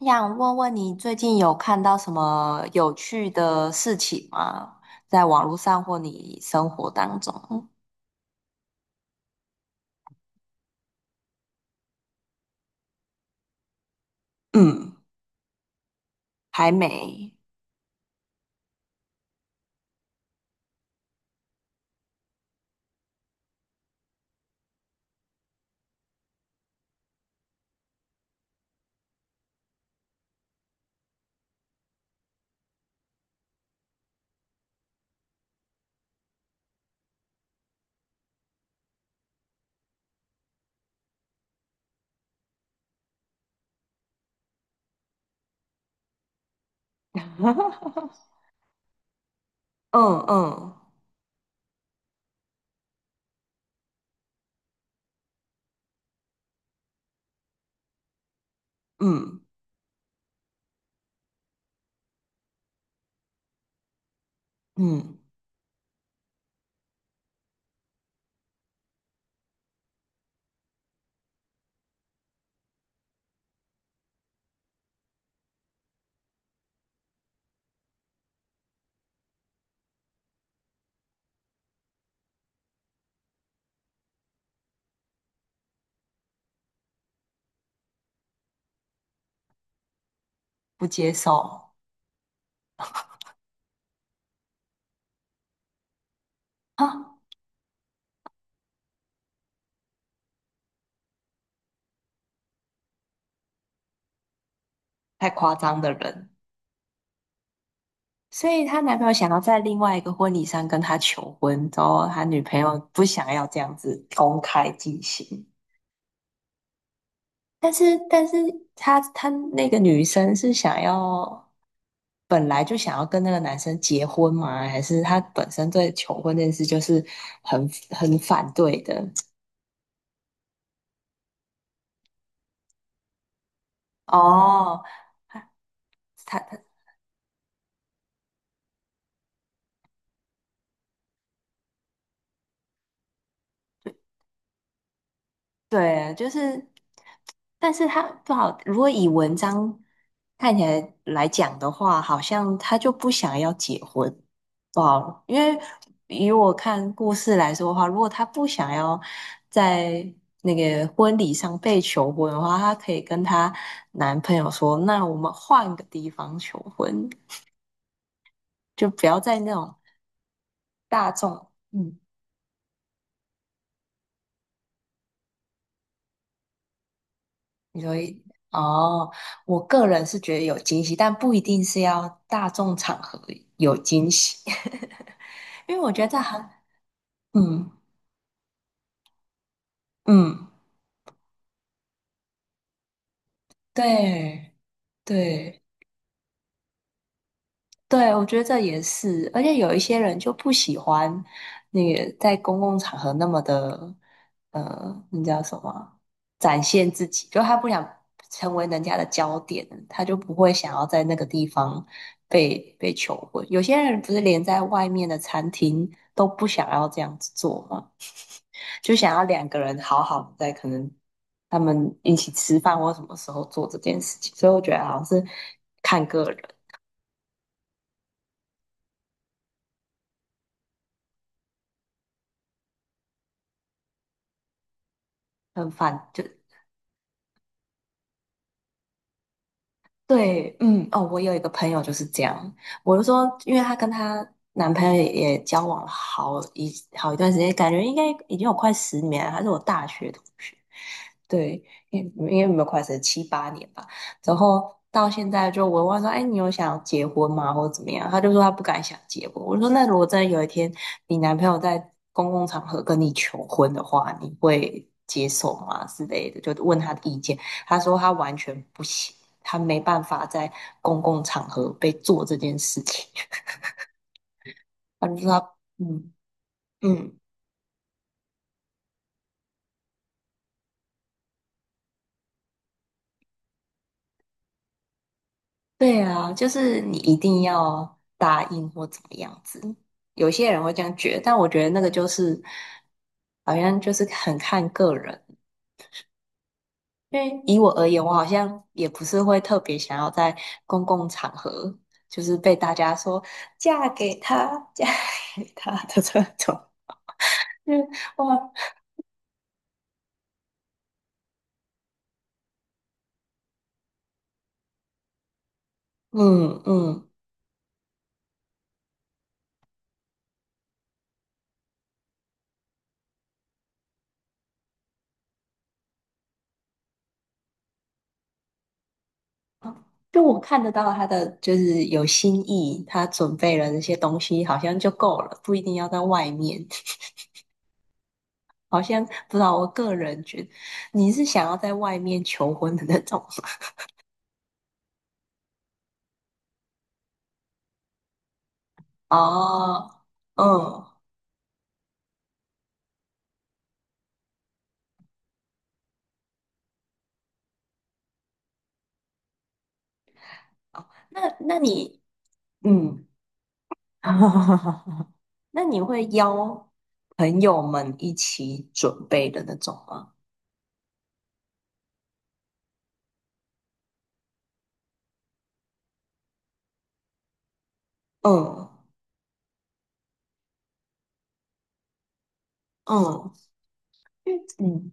想问问你最近有看到什么有趣的事情吗？在网络上或你生活当中？嗯，还没。嗯嗯嗯嗯，不接受啊，太夸张的人。所以她男朋友想要在另外一个婚礼上跟她求婚，然后她女朋友不想要这样子公开进行。但是她那个女生是想要，本来就想要跟那个男生结婚吗？还是她本身对求婚这件事就是很反对的？哦，她她对，但是它不好。如果以文章看起来来讲的话，好像他就不想要结婚，不好。因为以我看故事来说的话，如果他不想要在那个婚礼上被求婚的话，她可以跟她男朋友说：“那我们换个地方求婚，就不要在那种大众。”嗯。你说一哦，我个人是觉得有惊喜，但不一定是要大众场合有惊喜，因为我觉得这很，嗯嗯，对对。对，我觉得这也是，而且有一些人就不喜欢那个在公共场合那么的，那叫什么啊展现自己，就他不想成为人家的焦点，他就不会想要在那个地方被求婚。有些人不是连在外面的餐厅都不想要这样子做吗？就想要两个人好好的在可能他们一起吃饭或什么时候做这件事情，所以我觉得好像是看个人。很反，就对，嗯，哦，我有一个朋友就是这样，我就说，因为她跟她男朋友也交往了好一段时间，感觉应该已经有快10年了，他是我大学同学，对，因因为没有快17、8年吧，然后到现在就我问她说，哎，你有想要结婚吗，或者怎么样？他就说他不敢想结婚。我说，那如果真的有一天你男朋友在公共场合跟你求婚的话，你会接受吗？之类的，就问他的意见。他说他完全不行，他没办法在公共场合被做这件事情。他就说他，嗯嗯，对啊，就是你一定要答应或怎么样子。有些人会这样觉得，但我觉得那个就是好像就是很看个人。因为以我而言，我好像也不是会特别想要在公共场合，就是被大家说嫁给他，嫁给他的这种。就是哇，嗯嗯，就我看得到他的就是有心意，他准备了那些东西，好像就够了，不一定要在外面。好像不知道，我个人觉得你是想要在外面求婚的那种吗？哦，嗯，哦，那那你，嗯，那你会邀朋友们一起准备的那种吗？嗯嗯嗯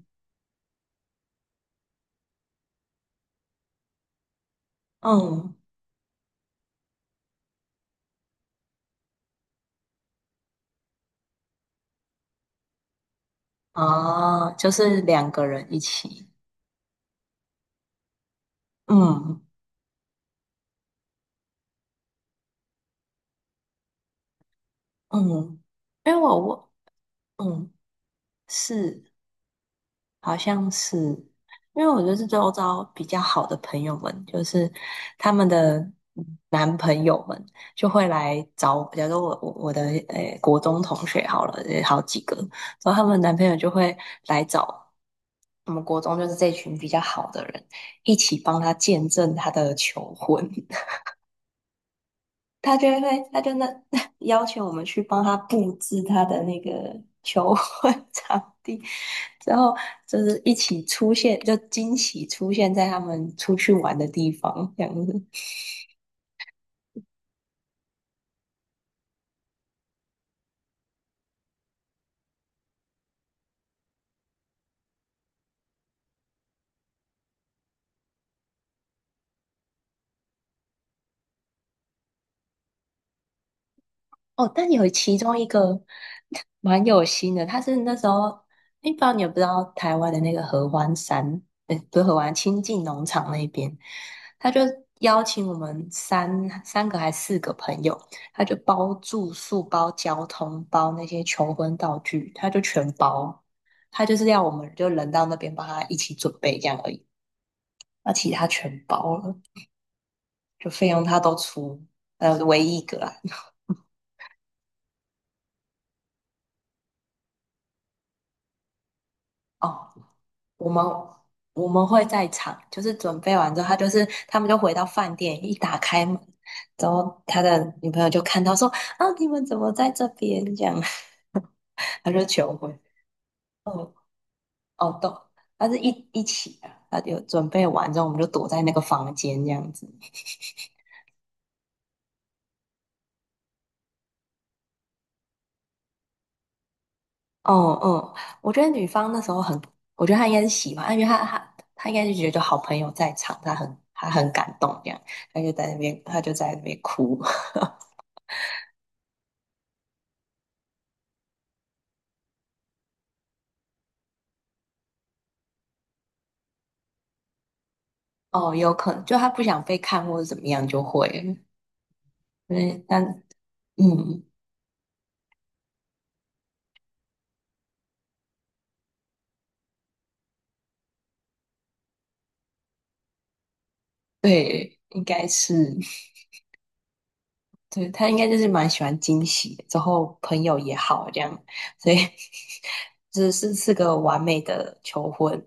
嗯，哦，就是两个人一起，嗯。嗯，因为我嗯是好像是，因为我就是周遭比较好的朋友们，就是他们的男朋友们就会来找我，假如说我的诶、国中同学好了，也好几个，然后他们男朋友就会来找我们国中就是这群比较好的人一起帮他见证他的求婚，他就会，他就那 要求我们去帮他布置他的那个求婚 场地，之后就是一起出现，就惊喜出现在他们出去玩的地方，这样子。哦，但有其中一个 蛮有心的，他是那时候，诶不知道你有不知道台湾的那个合欢山，不是合欢，清境农场那边，他就邀请我们三个还4个朋友，他就包住宿、包交通、包那些求婚道具，他就全包，他就是要我们就人到那边帮他一起准备这样而已，那其他全包了，就费用他都出，唯一一个啦。哦，我们我们会在场，就是准备完之后，他就是他们就回到饭店，一打开门，然后他的女朋友就看到说：“啊，你们怎么在这边？”这样，他就求婚。哦，都，他是一一起的，他就准备完之后，我们就躲在那个房间这样子。哦，哦，我觉得女方那时候很，我觉得她应该是喜欢，因为她应该是觉得好朋友在场，她很感动这样，她就在那边哭。哦，有可能就他不想被看或者怎么样就会了，对，但嗯，对，应该是，对，他应该就是蛮喜欢惊喜的之后朋友也好这样，所以 只是是个完美的求婚，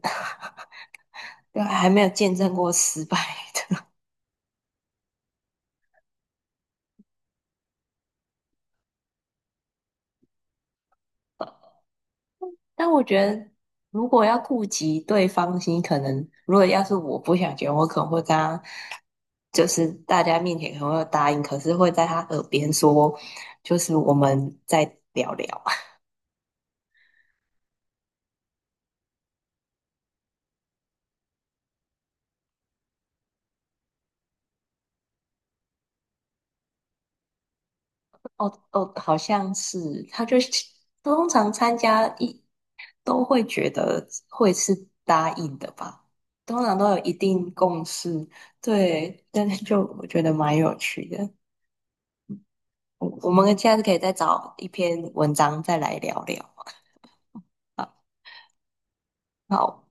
对，还没有见证过失败的。但我觉得，如果要顾及对方心，可能如果要是我不想结婚，我可能会跟他，就是大家面前可能会答应，可是会在他耳边说，就是我们再聊聊。哦哦，好像是，他就通常参加一都会觉得会是答应的吧，通常都有一定共识。对，但是就我觉得蛮有趣的。我们下次可以再找一篇文章再来聊聊。好，好